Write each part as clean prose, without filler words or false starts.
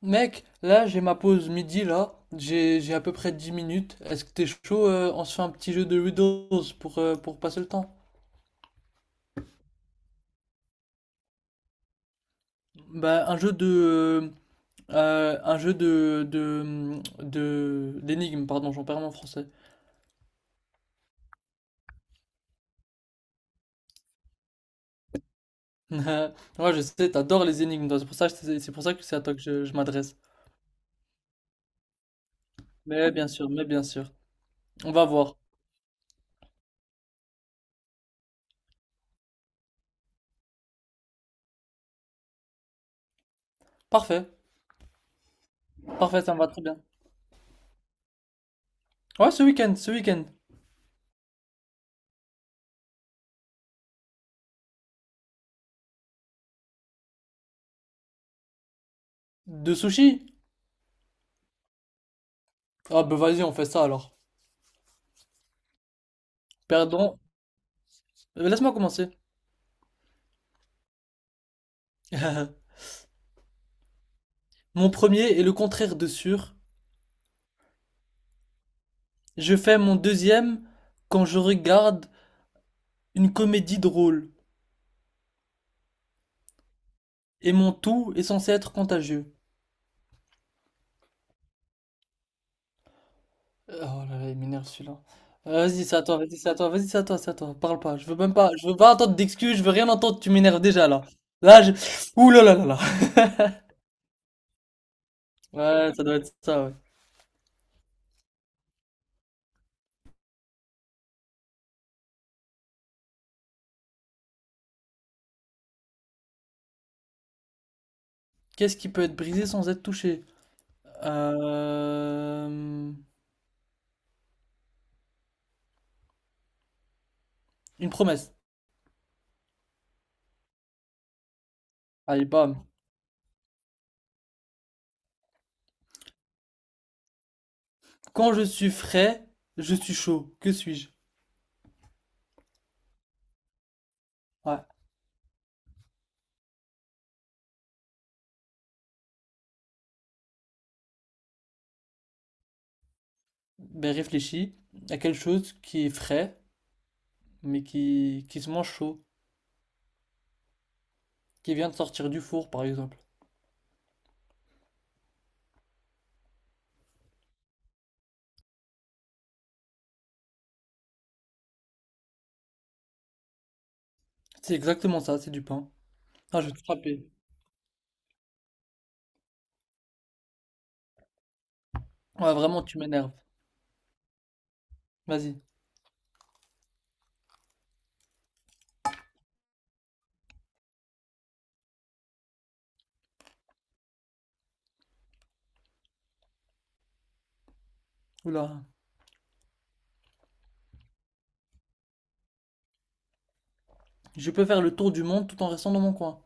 Mec, là j'ai ma pause midi là, j'ai à peu près 10 minutes. Est-ce que t'es chaud on se fait un petit jeu de Riddles pour passer le temps? Bah un jeu de d'énigmes, pardon, j'en perds mon français. Ouais, je sais, t'adores les énigmes, toi, c'est pour ça que c'est pour ça que c'est à toi que je m'adresse. Mais bien sûr, mais bien sûr. On va voir. Parfait, parfait, ça me va très bien. Ouais, ce week-end, ce week-end. De sushi? Ah bah vas-y, on fait ça alors. Perdons. Laisse-moi commencer. Mon premier est le contraire de sûr. Je fais mon deuxième quand je regarde une comédie drôle. Et mon tout est censé être contagieux. Oh là là, il m'énerve celui-là. Vas-y, c'est à toi, vas-y, c'est à toi, vas-y, c'est à toi, c'est à toi. Parle pas, je veux même pas, je veux pas entendre d'excuses, je veux rien entendre, tu m'énerves déjà là. Là, je... Ouh là là là là. Ouais, ça doit être ça, ouais. Qu'est-ce qui peut être brisé sans être touché? Euh... Une promesse. Allez, bam. Quand je suis frais, je suis chaud. Que suis-je? Ouais. Ben, réfléchis à quelque chose qui est frais, mais qui se mange chaud, qui vient de sortir du four, par exemple. C'est exactement ça, c'est du pain. Ah, je vais te frapper. Ouais, vraiment, tu m'énerves. Vas-y. Oula. Je peux faire le tour du monde tout en restant dans mon coin.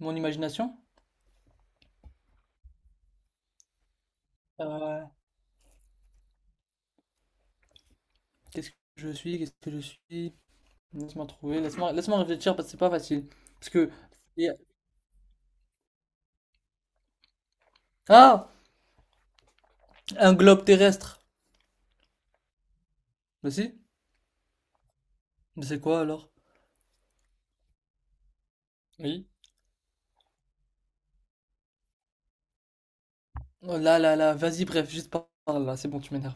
Mon imagination? Euh, qu'est-ce que je suis? Qu'est-ce que je suis? Laisse-moi trouver. Laisse-moi réfléchir parce que c'est pas facile. Parce que. Il Ah! Un globe terrestre. Vas-y. Mais c'est quoi alors? Oui. Oh là là là. Vas-y, bref, juste par là. C'est bon, tu m'énerves.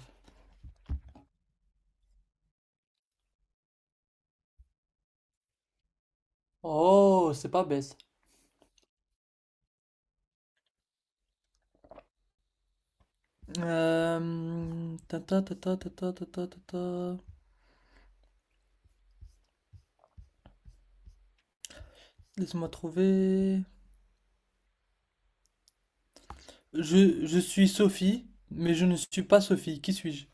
Oh, c'est pas bête. Ta ta ta ta ta ta ta ta ta ta. Laisse-moi trouver. Je suis Sophie, mais je ne suis pas Sophie. Qui suis-je?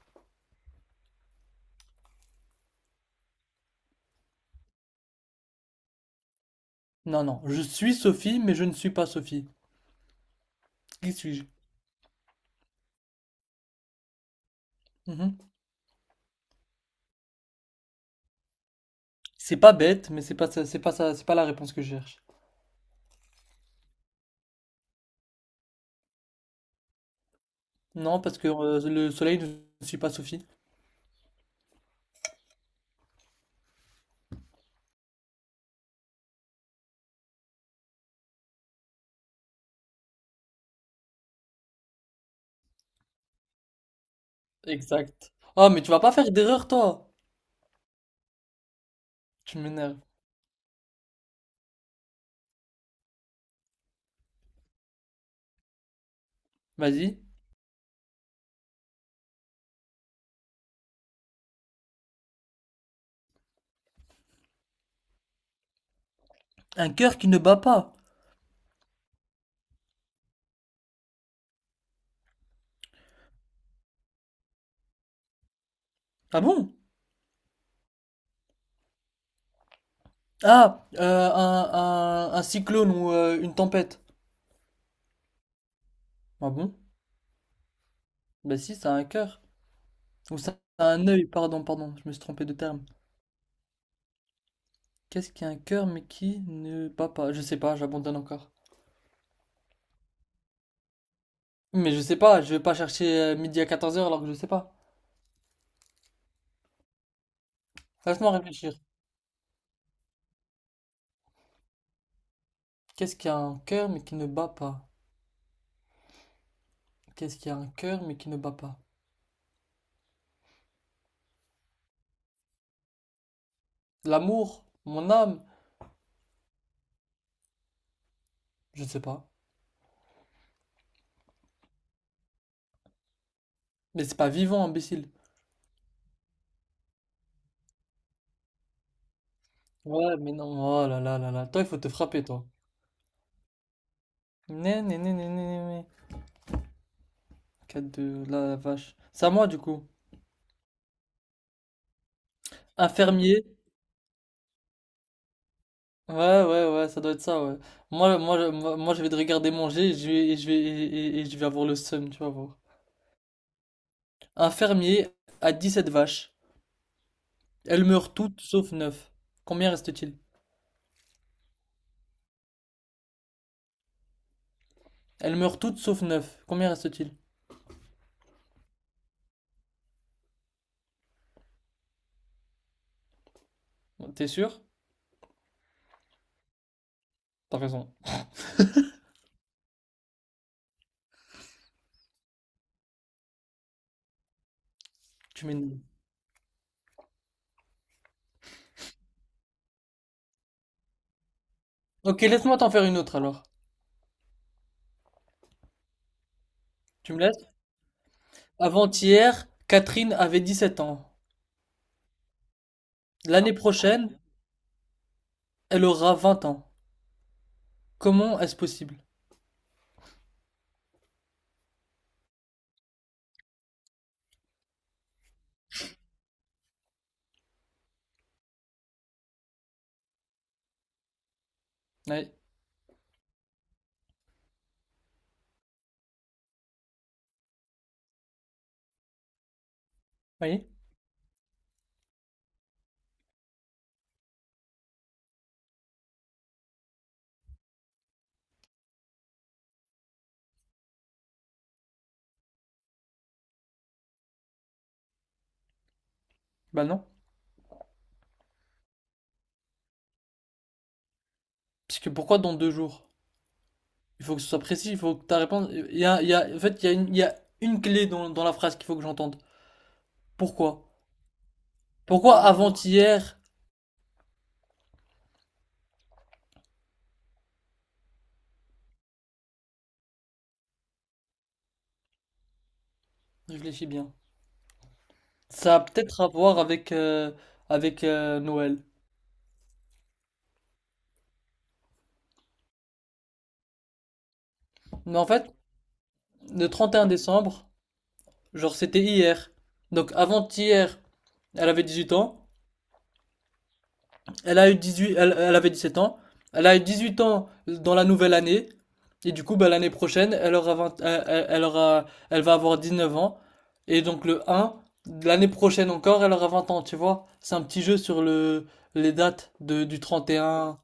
Non, non. Je suis Sophie, mais je ne suis pas Sophie. Qui suis-je? Mhm. C'est pas bête, mais c'est pas ça, c'est pas ça, c'est pas la réponse que je cherche. Non, parce que le soleil ne suit pas Sophie. Exact. Oh, mais tu vas pas faire d'erreur, toi. Tu m'énerves. Vas-y. Un cœur qui ne bat pas. Ah bon? Ah, un cyclone ou une tempête. Ah bon? Bah si, ça a un cœur. Ou ça a un œil, pardon, pardon, je me suis trompé de terme. Qu'est-ce qui a un cœur mais qui ne bat pas? Je sais pas, j'abandonne encore. Mais je sais pas, je vais pas chercher midi à 14 heures alors que je sais pas. Laisse-moi réfléchir. Qu'est-ce qui a un cœur mais qui ne bat pas? Qu'est-ce qui a un cœur mais qui ne bat pas? L'amour? Mon âme? Je sais pas. Mais c'est pas vivant, imbécile. Ouais, mais non. Oh là là là là. Toi, il faut te frapper, toi. Né, né, né, né, né, né, né. 4 de la vache. C'est à moi du coup. Infirmier. Ouais, ouais, ouais, ça doit être ça, ouais. Je vais te regarder manger et je vais avoir le seum, tu vas voir. Un fermier a 17 vaches. Elles meurent toutes sauf neuf. Combien reste-t-il? Elles meurent toutes sauf neuf. Combien reste-t-il? T'es sûr? T'as raison. Tu m'énerves. Ok, laisse-moi t'en faire une autre alors. Tu me laisses? Avant-hier, Catherine avait 17 ans. L'année prochaine, elle aura 20 ans. Comment est-ce possible? Oui. Oui? Bah non. Parce que pourquoi dans 2 jours? Il faut que ce soit précis, il faut que ta réponse. En fait, il y a une clé dans la phrase qu'il faut que j'entende. Pourquoi? Pourquoi avant-hier? Réfléchis bien. Ça a peut-être à voir avec, avec Noël. Mais en fait, le 31 décembre, genre c'était hier. Donc avant-hier, elle avait 18 ans. Elle a eu 18, elle avait 17 ans. Elle a eu 18 ans dans la nouvelle année. Et du coup, bah, l'année prochaine, elle aura 20, elle va avoir 19 ans. Et donc, le un, l'année prochaine encore, elle aura 20 ans, tu vois. C'est un petit jeu sur les dates du 31.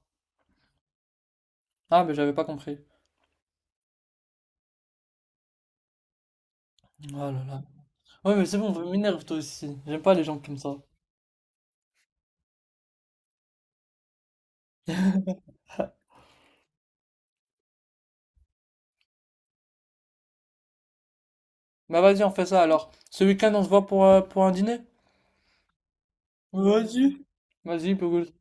Ah, mais j'avais pas compris. Oh là là. Ouais, mais c'est bon, m'énerve toi aussi. J'aime pas les gens comme ça. Bah, vas-y, on fait ça alors. Ce week-end, on se voit pour un dîner? Vas-y. Vas-y, Pogos.